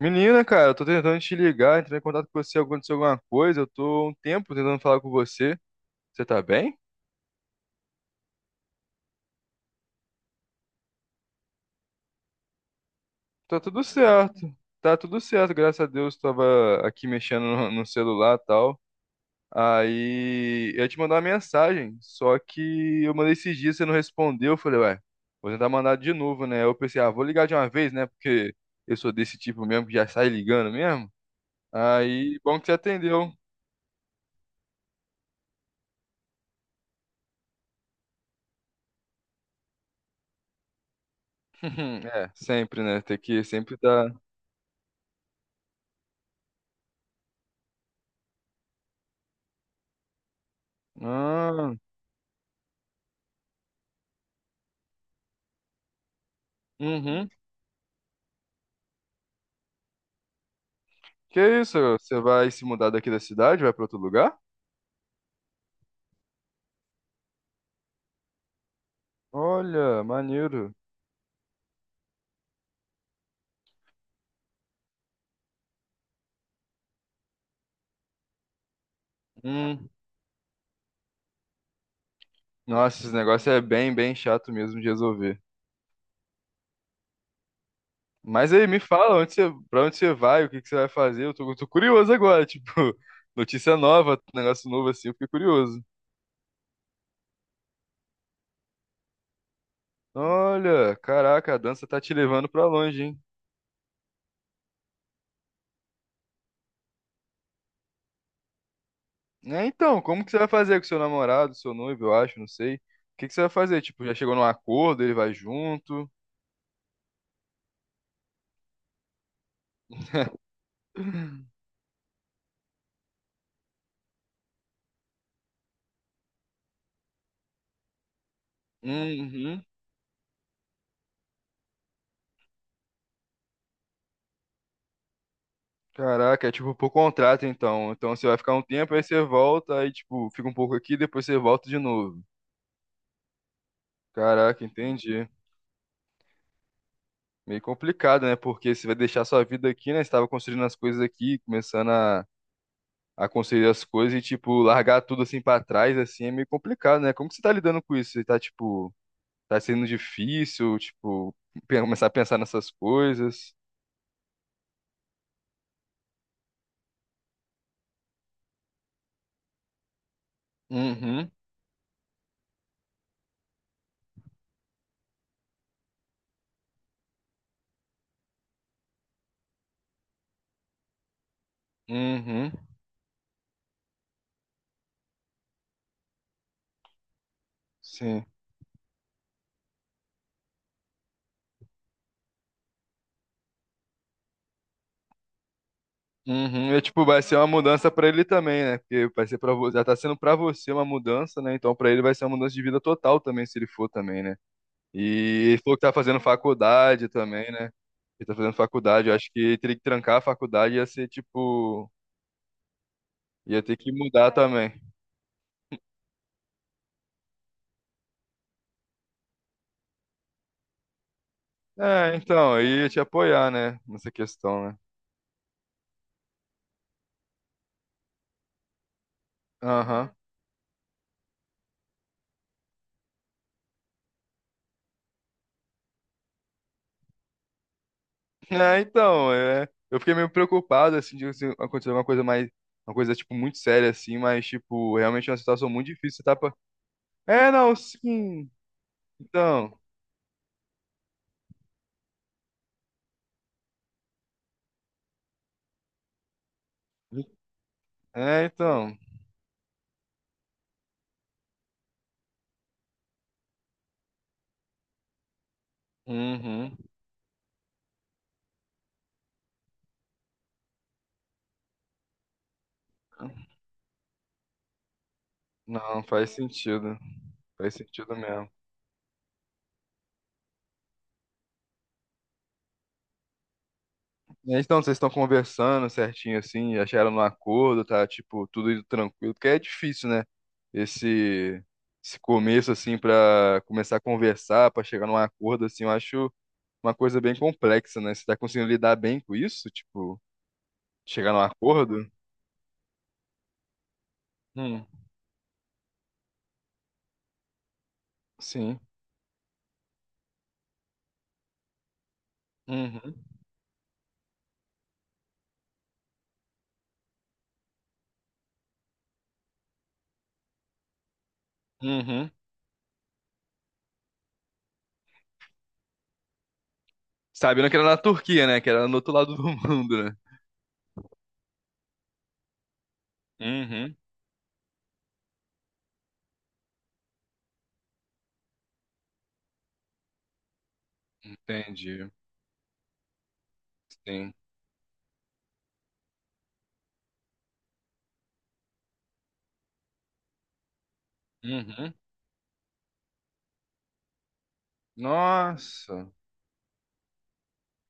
Menina, cara, eu tô tentando te ligar, entrar em contato com você, aconteceu alguma coisa, eu tô há um tempo tentando falar com você. Você tá bem? Tá tudo certo. Tá tudo certo, graças a Deus, tava aqui mexendo no celular e tal. Aí eu ia te mandar uma mensagem, só que eu mandei esses dias, você não respondeu. Eu falei, ué, vou tentar mandar de novo, né? Eu pensei, ah, vou ligar de uma vez, né? Porque eu sou desse tipo mesmo que já sai ligando mesmo. Aí, bom que você atendeu. É, sempre, né? Tem que sempre dar. Ah. Uhum. Que isso? Você vai se mudar daqui da cidade? Vai pra outro lugar? Olha, maneiro. Hum. Nossa, esse negócio é bem, bem chato mesmo de resolver. Mas aí, me fala, pra onde você vai? O que que você vai fazer? Eu tô curioso agora, tipo, notícia nova, negócio novo assim, eu fiquei curioso. Olha, caraca, a dança tá te levando pra longe, hein? É, então, como que você vai fazer com seu namorado, seu noivo, eu acho, não sei. O que que você vai fazer? Tipo, já chegou num acordo, ele vai junto? Uhum. Caraca, é tipo por contrato então. Então você vai ficar um tempo, aí você volta, aí tipo, fica um pouco aqui, depois você volta de novo. Caraca, entendi. Meio complicado, né? Porque você vai deixar sua vida aqui, né? Você tava construindo as coisas aqui, começando a construir as coisas e, tipo, largar tudo assim pra trás, assim, é meio complicado, né? Como que você tá lidando com isso? Você tá, tipo, tá sendo difícil, tipo, começar a pensar nessas coisas? Uhum, uhum, sim. Uhum, e tipo, vai ser uma mudança pra ele também, né? Porque vai ser para você, já tá sendo pra você uma mudança, né? Então pra ele vai ser uma mudança de vida total também, se ele for também, né? E ele falou que tá fazendo faculdade também, né? Ele tá fazendo faculdade, eu acho que teria que trancar a faculdade ia ser tipo, ia ter que mudar também. É, então, eu ia te apoiar, né, nessa questão, né? Aham. É, então, é, eu fiquei meio preocupado assim de assim, acontecer alguma coisa mais uma coisa tipo muito séria assim, mas tipo, realmente é uma situação muito difícil, tá. É, não, sim. Então. É, então. Uhum. Não, faz sentido. Faz sentido mesmo. É, então, vocês estão conversando certinho assim, já chegaram no acordo, tá? Tipo, tudo indo tranquilo, porque é difícil, né? Esse, esse começo assim pra começar a conversar, pra chegar num acordo assim, eu acho uma coisa bem complexa, né? Você tá conseguindo lidar bem com isso? Tipo, chegar num acordo? Hum, sim. Uhum, uhum. Sabendo que era na Turquia, né? Que era no outro lado do mundo, né? Uhum, entendi. Sim. Uhum. Nossa,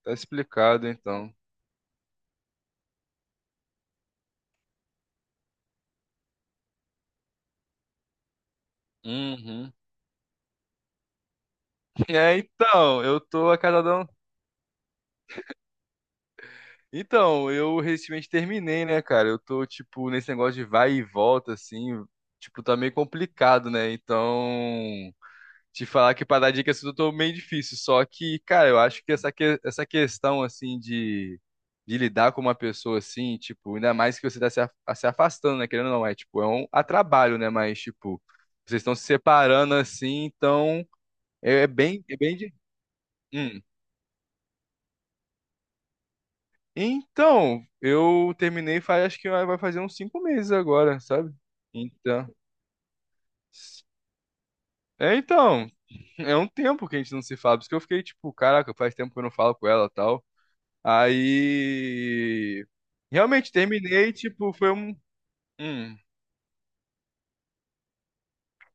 tá explicado então. Uhum. É, então, eu tô a cada um. Então, eu recentemente terminei, né, cara? Eu tô, tipo, nesse negócio de vai e volta, assim, tipo, tá meio complicado, né? Então. Te falar que para dar dicas tudo eu tô meio difícil, só que, cara, eu acho que essa, essa questão, assim, de lidar com uma pessoa, assim, tipo, ainda mais que você tá se, se afastando, né, querendo ou não, é, tipo, é um a trabalho, né, mas, tipo, vocês estão se separando, assim, então, é bem de... Hum. Então, eu terminei faz, acho que vai fazer uns 5 meses agora, sabe? Então... então, é um tempo que a gente não se fala, porque eu fiquei, tipo, caraca, faz tempo que eu não falo com ela, e tal. Aí. Realmente terminei, tipo, foi um. Hum.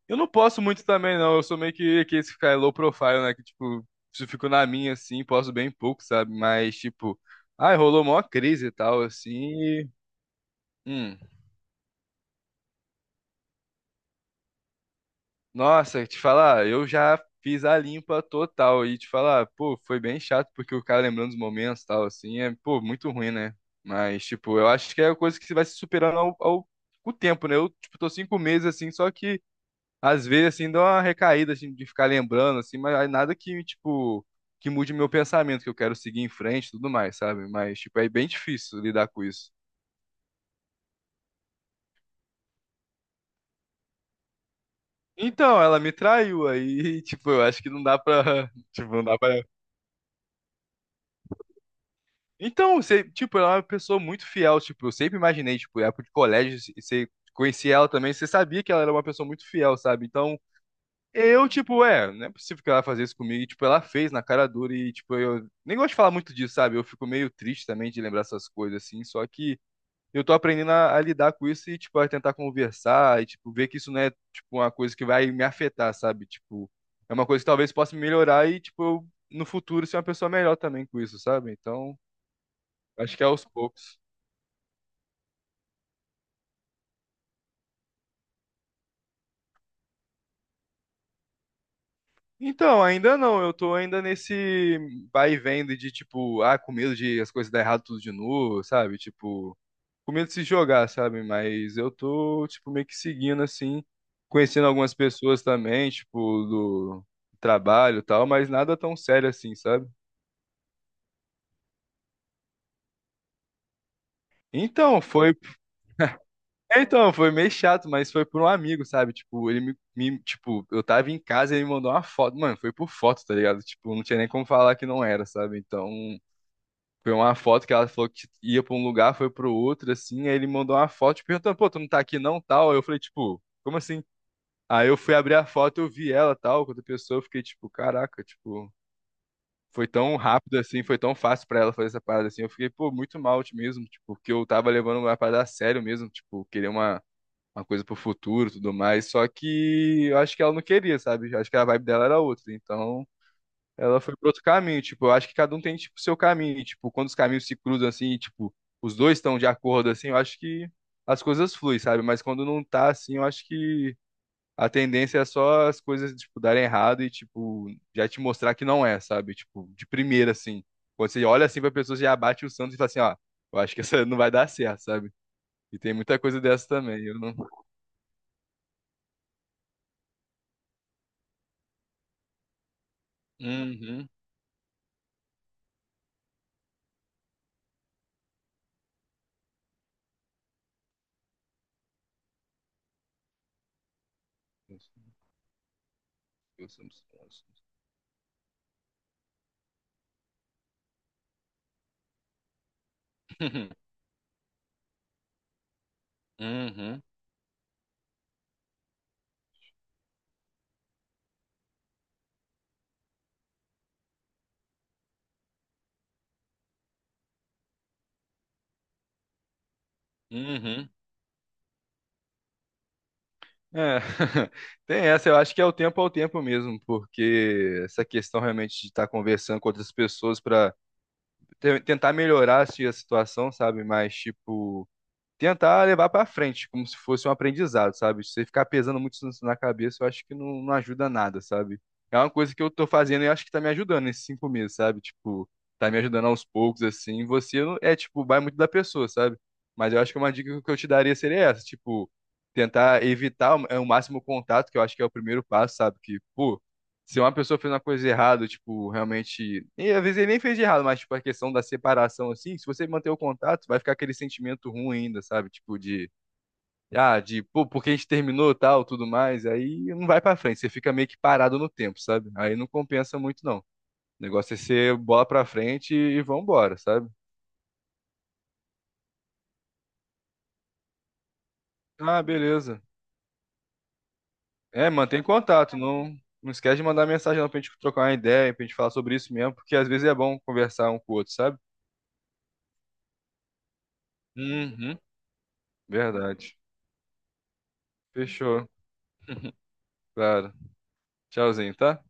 Eu não posso muito também, não. Eu sou meio que esse cara low profile, né? Que, tipo, se eu fico na minha, assim, posso bem pouco, sabe? Mas, tipo, ai, rolou mó crise e tal, assim. E, hum, nossa, te falar, eu já fiz a limpa total. E te falar, pô, foi bem chato, porque o cara lembrando dos momentos e tal, assim, é, pô, muito ruim, né? Mas, tipo, eu acho que é a coisa que você vai se superando com o tempo, né? Eu, tipo, tô 5 meses assim, só que. Às vezes, assim, dá uma recaída, assim, de ficar lembrando, assim, mas aí nada que, tipo, que mude meu pensamento, que eu quero seguir em frente e tudo mais, sabe? Mas, tipo, é bem difícil lidar com isso. Então, ela me traiu aí, tipo, eu acho que não dá pra, tipo, não dá pra... Então, você, tipo, ela é uma pessoa muito fiel, tipo, eu sempre imaginei, tipo, época de colégio, você conhecia ela também, você sabia que ela era uma pessoa muito fiel, sabe? Então, eu, tipo, é, não é possível que ela fazer isso comigo. E, tipo, ela fez na cara dura e, tipo, eu nem gosto de falar muito disso, sabe? Eu fico meio triste também de lembrar essas coisas, assim. Só que eu tô aprendendo a lidar com isso e, tipo, a tentar conversar e, tipo, ver que isso não é, tipo, uma coisa que vai me afetar, sabe? Tipo, é uma coisa que talvez possa me melhorar e, tipo, eu, no futuro ser uma pessoa melhor também com isso, sabe? Então, acho que é aos poucos. Então, ainda não, eu tô ainda nesse vai e vem de, tipo, ah, com medo de as coisas dar errado tudo de novo, sabe? Tipo. Com medo de se jogar, sabe? Mas eu tô, tipo, meio que seguindo, assim, conhecendo algumas pessoas também, tipo, do trabalho e tal, mas nada tão sério assim, sabe? Então, foi, então, foi meio chato, mas foi por um amigo, sabe? Tipo, ele tipo, eu tava em casa e ele me mandou uma foto, mano, foi por foto, tá ligado? Tipo, não tinha nem como falar que não era, sabe? Então, foi uma foto que ela falou que ia pra um lugar, foi pro outro, assim, aí ele mandou uma foto, tipo, perguntando, pô, tu não tá aqui não, tal? Aí eu falei, tipo, como assim? Aí eu fui abrir a foto, eu vi ela, tal, quando a pessoa, eu fiquei tipo, caraca, tipo, foi tão rápido assim, foi tão fácil pra ela fazer essa parada assim. Eu fiquei, pô, muito mal mesmo, tipo, porque eu tava levando uma parada a sério mesmo, tipo, querer uma coisa pro futuro, e tudo mais. Só que eu acho que ela não queria, sabe? Eu acho que a vibe dela era outra. Então, ela foi pro outro caminho, tipo, eu acho que cada um tem tipo seu caminho, e, tipo, quando os caminhos se cruzam assim, e, tipo, os dois estão de acordo assim, eu acho que as coisas fluem, sabe? Mas quando não tá assim, eu acho que a tendência é só as coisas, tipo, darem errado e, tipo, já te mostrar que não é, sabe? Tipo, de primeira, assim. Quando você olha assim pra pessoa, já bate o santo e fala assim, ó, eu acho que essa não vai dar certo, sabe? E tem muita coisa dessa também, eu não... Uhum. Uhum. Uhum. É, tem essa, eu acho que é o tempo ao tempo mesmo, porque essa questão realmente de estar conversando com outras pessoas para tentar melhorar assim, a situação, sabe? Mas, tipo, tentar levar pra frente, como se fosse um aprendizado, sabe? Se você ficar pesando muito isso na cabeça, eu acho que não, não ajuda nada, sabe? É uma coisa que eu tô fazendo e eu acho que tá me ajudando nesses 5 meses, sabe? Tipo, tá me ajudando aos poucos, assim. Você não, é, tipo, vai muito da pessoa, sabe? Mas eu acho que uma dica que eu te daria seria essa, tipo, tentar evitar o, é, o máximo contato, que eu acho que é o primeiro passo, sabe? Que, pô, se uma pessoa fez uma coisa errada, tipo, realmente. E às vezes ele nem fez de errado, mas, tipo, a questão da separação, assim, se você manter o contato, vai ficar aquele sentimento ruim ainda, sabe? Tipo, de. Ah, de, pô, porque a gente terminou tal, tudo mais. Aí não vai pra frente, você fica meio que parado no tempo, sabe? Aí não compensa muito, não. O negócio é ser bola pra frente e vambora, sabe? Ah, beleza. É, mantém contato, não. Não esquece de mandar mensagem não, pra gente trocar uma ideia, pra gente falar sobre isso mesmo, porque às vezes é bom conversar um com o outro, sabe? Uhum, verdade. Fechou. Claro. Tchauzinho, tá?